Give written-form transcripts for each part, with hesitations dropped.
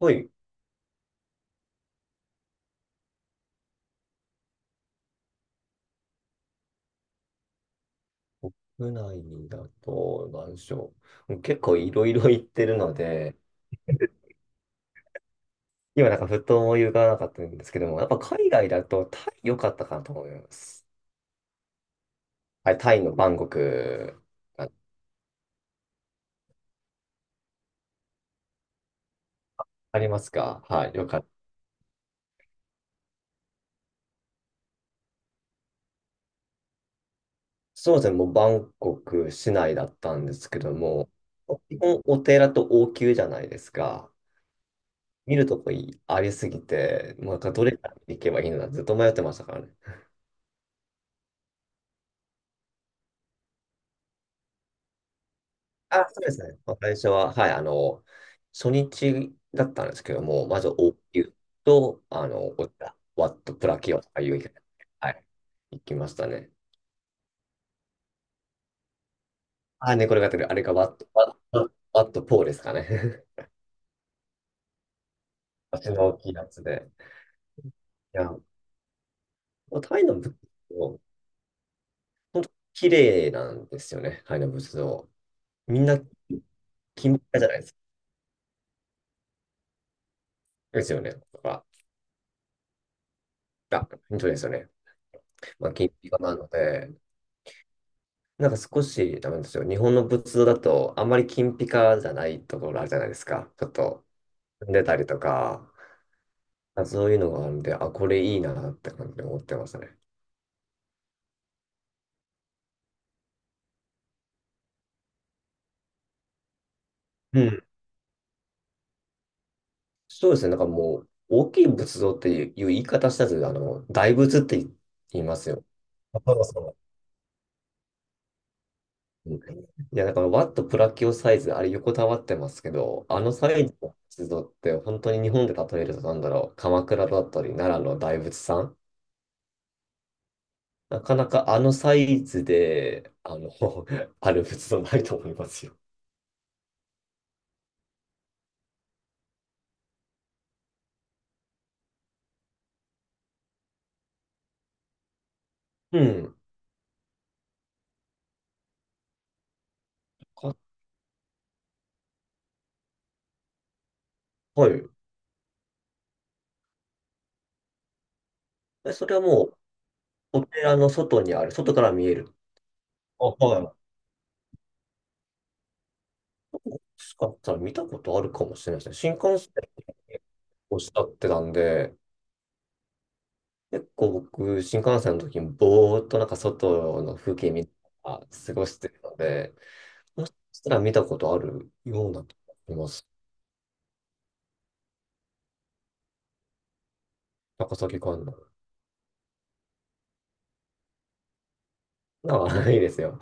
はい。国内だと、なんでしょう。もう結構いろいろ行ってるので、今なんかふと思い浮かばなかったんですけども、やっぱ海外だとタイ良かったかなと思います。はい、タイのバンコク、あ、ありますか、はい、よかった。そうですね、もうバンコク市内だったんですけども、基本お寺と王宮じゃないですか。見るとこいありすぎて、もうなんかどれから行けばいいのかずっと迷ってましたからね。そうですね。最初は、はい、初日だったんですけども、まず、応急と、こういったワット、プラキオとかいう、はい、行きましたね。ああ、猫が出てる。あれがワット、ワットポーですかね。足の大きいやつで。いや、もうタイの仏像、綺麗なんですよね。タイの仏像。みんな、金ピカじゃないですか。ですよね。とか、あ、本当ですよね。まあ、金ピカなので、なんか少しダメなんですよ。日本の仏像だと、あんまり金ピカじゃないところあるじゃないですか。ちょっと、踏んでたりとか、まあそういうのがあるんで、あ、これいいなって感じで思ってますね。うん。そうですね。なんかもう、大きい仏像っていう言い方したず、大仏って言いますよ。あ、そうそう。うん、いや、だから、ワットプラキオサイズ、あれ横たわってますけど、あのサイズの仏像って、本当に日本で例えると、なんだろう、鎌倉だったり、奈良の大仏さん、なかなかあのサイズで、あの、ある仏像ないと思いますよ。うん。か、はい。え、それはもう、お寺の外にある、外から見える。あ、はい。もしかしたら見たことあるかもしれないですね。新幹線をしたってたんで、結構僕、新幹線の時にぼーっとなんか外の風景見ながら過ごしてるので、もしかしたら見たことあるようなと思います。高崎観音。なんか、いいですよ。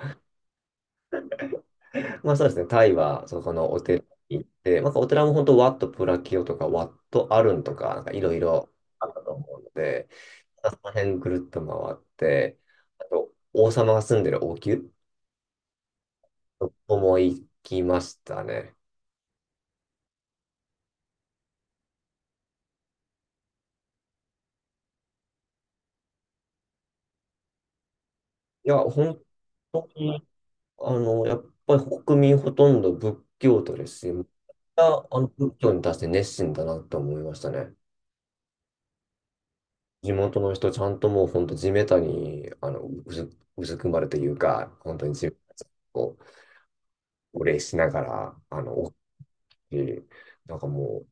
まあそうですね、タイはそこのお寺に行って、まあ、お寺も本当、ワット・プラキオとか、ワット・アルンとか、なんかいろいろあったと思うので、まあその辺ぐるっと回って、あと、王様が住んでる王宮、そこも行きましたね。いや、本当に、やっぱり国民ほとんど仏教徒ですし、みんなあの仏教に対して熱心だなと思いましたね。地元の人、ちゃんともう本当地べたに、あの、うずくまるというか、本当に地べたにこう、お礼しながら、あの、大きい、なんかも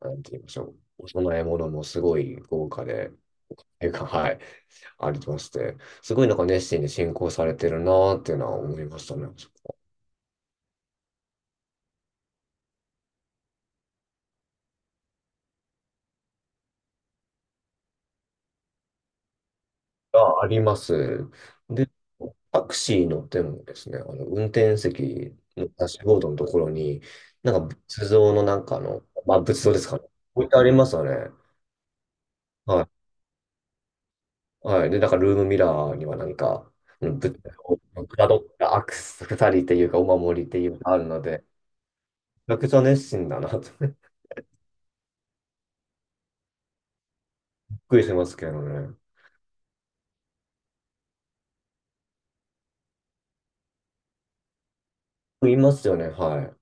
う、なんて言いましょう、お供え物もすごい豪華で、ていうか、はい、ありまして、すごいなんか熱心に進行されてるなーっていうのは思いましたね。があります。で、タクシー乗ってもですね、あの運転席のダッシュボードのところに、なんか仏像のなんかあの、まあ仏像ですかね。置いてありますよね。はい。はい。で、なんからルームミラーにはなんか、うん、仏像のかたどったアクセサリーっていうかお守りっていうかあるので、めちゃくちゃ熱心だなと びっくりしますけどね。いますよね、はい。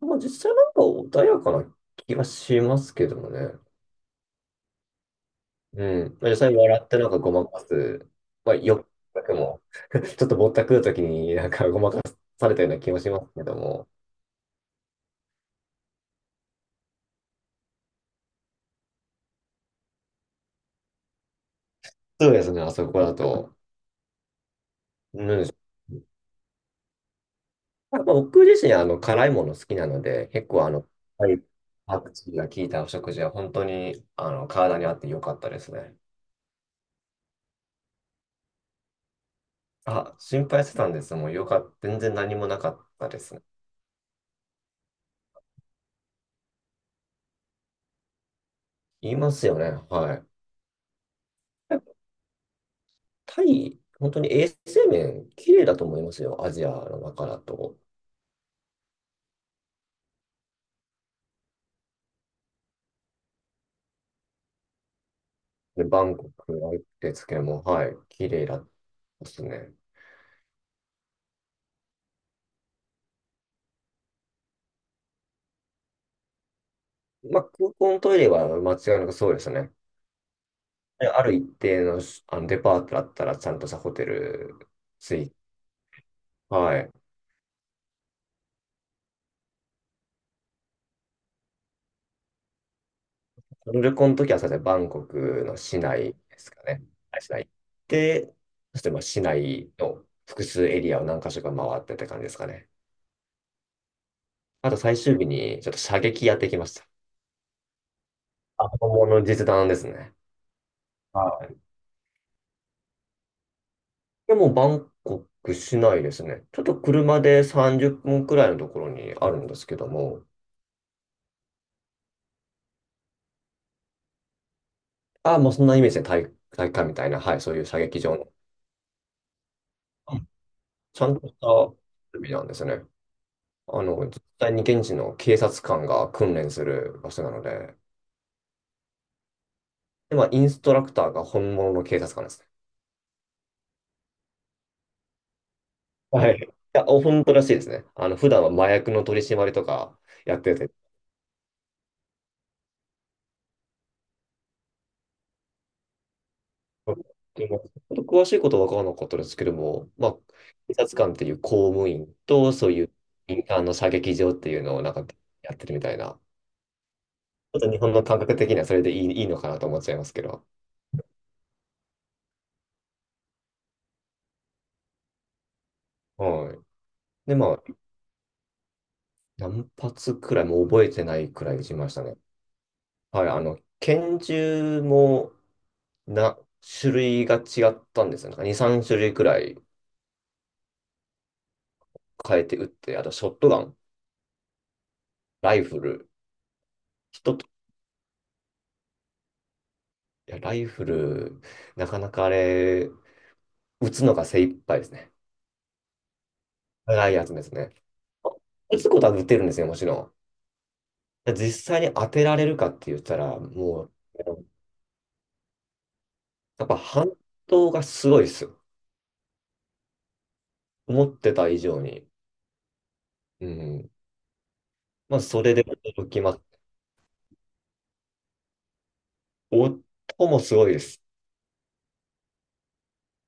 まあ実際なんか穏やかな気がしますけどもね。うん。まあ、実際笑ってなんかごまかす。まあ、よくも、ちょっとぼったくるときになんかごまかされたような気もしますけども。そうですね、あそこだと。うん。まあ、僕自身、辛いもの好きなので、結構あの、はい、パクチーが効いたお食事は本当に、体に合って良かったですね。あ、心配してたんです。もうよかった。全然何もなかったですね。言いますよね。はい。タイ、本当に衛生面、綺麗だと思いますよ。アジアの中だと。で、バンコクのんですけども、はい、綺麗だったですね。まあ、空港のトイレは間違いなくそうですね。である一定の、あのデパートだったら、ちゃんとしたホテルつい、はい。その旅行の時は、そうですね、バンコクの市内ですかね。はい、市内行って、そしてまあ市内の複数エリアを何箇所か回ってって感じですかね。あと最終日に、ちょっと射撃やってきました。あ、本物の実弾ですね。は、いや、もうバンコク市内ですね。ちょっと車で30分くらいのところにあるんですけども、あまあ、もうそんなイメージで体、体育館みたいな、はい、そういう射撃場の、うん、ちゃんとした設備なんですね。あの、実際に現地の警察官が訓練する場所なので、で、まあ、インストラクターが本物の警察官ですね。はい。いや、本当らしいですね。あの、普段は麻薬の取り締まりとかやってて、でも、ちょっと詳しいことは分からなかったですけども、まあ、警察官っていう公務員と、そういう民間の射撃場っていうのをなんかやってるみたいな、ちょっと日本の感覚的にはそれでいいのかなと思っちゃいますけど、はい。で、まあ、何発くらい、もう覚えてないくらい撃ちましたね。はい、拳銃もな、種類が違ったんですよ。なんか2、3種類くらい変えて撃って、あとショットガン、ライフル、一つ、いや、ライフル、なかなかあれ、打つのが精一杯ですね。長いやつですね。打つことは打てるんですよ、もちろん。実際に当てられるかって言ったら、もう、やっぱ反動がすごいですよ。思ってた以上に。うん。まあ、それで驚きます。音もすごいです。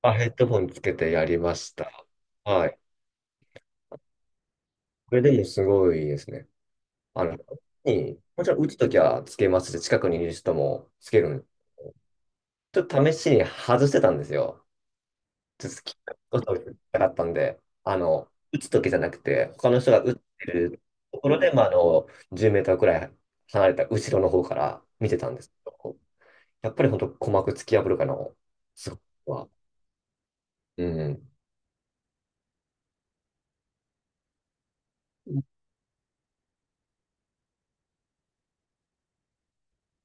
あ、ヘッドホンつけてやりました。はい。これでもすごいですね。あの、に、もちろん打つときはつけますし、近くにいる人もつけるん、ちょっと試しに外してたんですよ。ちっと食べてみたかったんで、打つときじゃなくて、他の人が打ってるところで、まあ、あの、10メートルくらい離れた後ろの方から見てたんですけど、やっぱり本当鼓膜突き破るかな、すごいは。うん。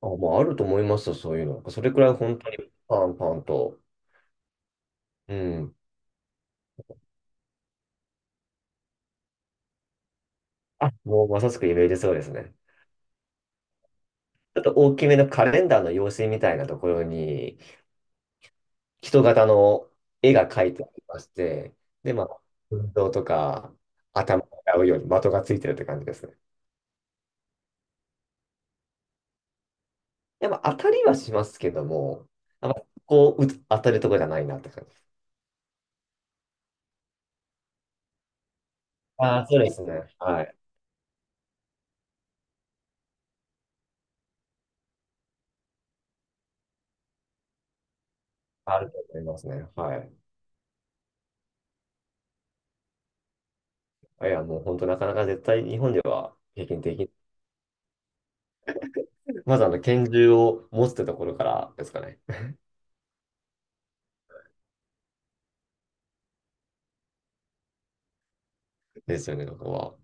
あ、もうあると思いますよ、そういうの。それくらい本当にパンパンと。うん。あ、もうまさしくイメージそうですね。ちょっと大きめのカレンダーの用紙みたいなところに、人型の絵が描いてありまして、で、まあ、運動とか、頭を洗うように的がついてるって感じですね。やっぱ当たりはしますけども、あんまこう、うつ当たるとこじゃないなって感じ。ああ、そうですね。はい。あると思いますね。はい。いや、もう本当なかなか絶対日本では経験できない。まずあの、拳銃を持つってところからですかね。ですよね、ここは。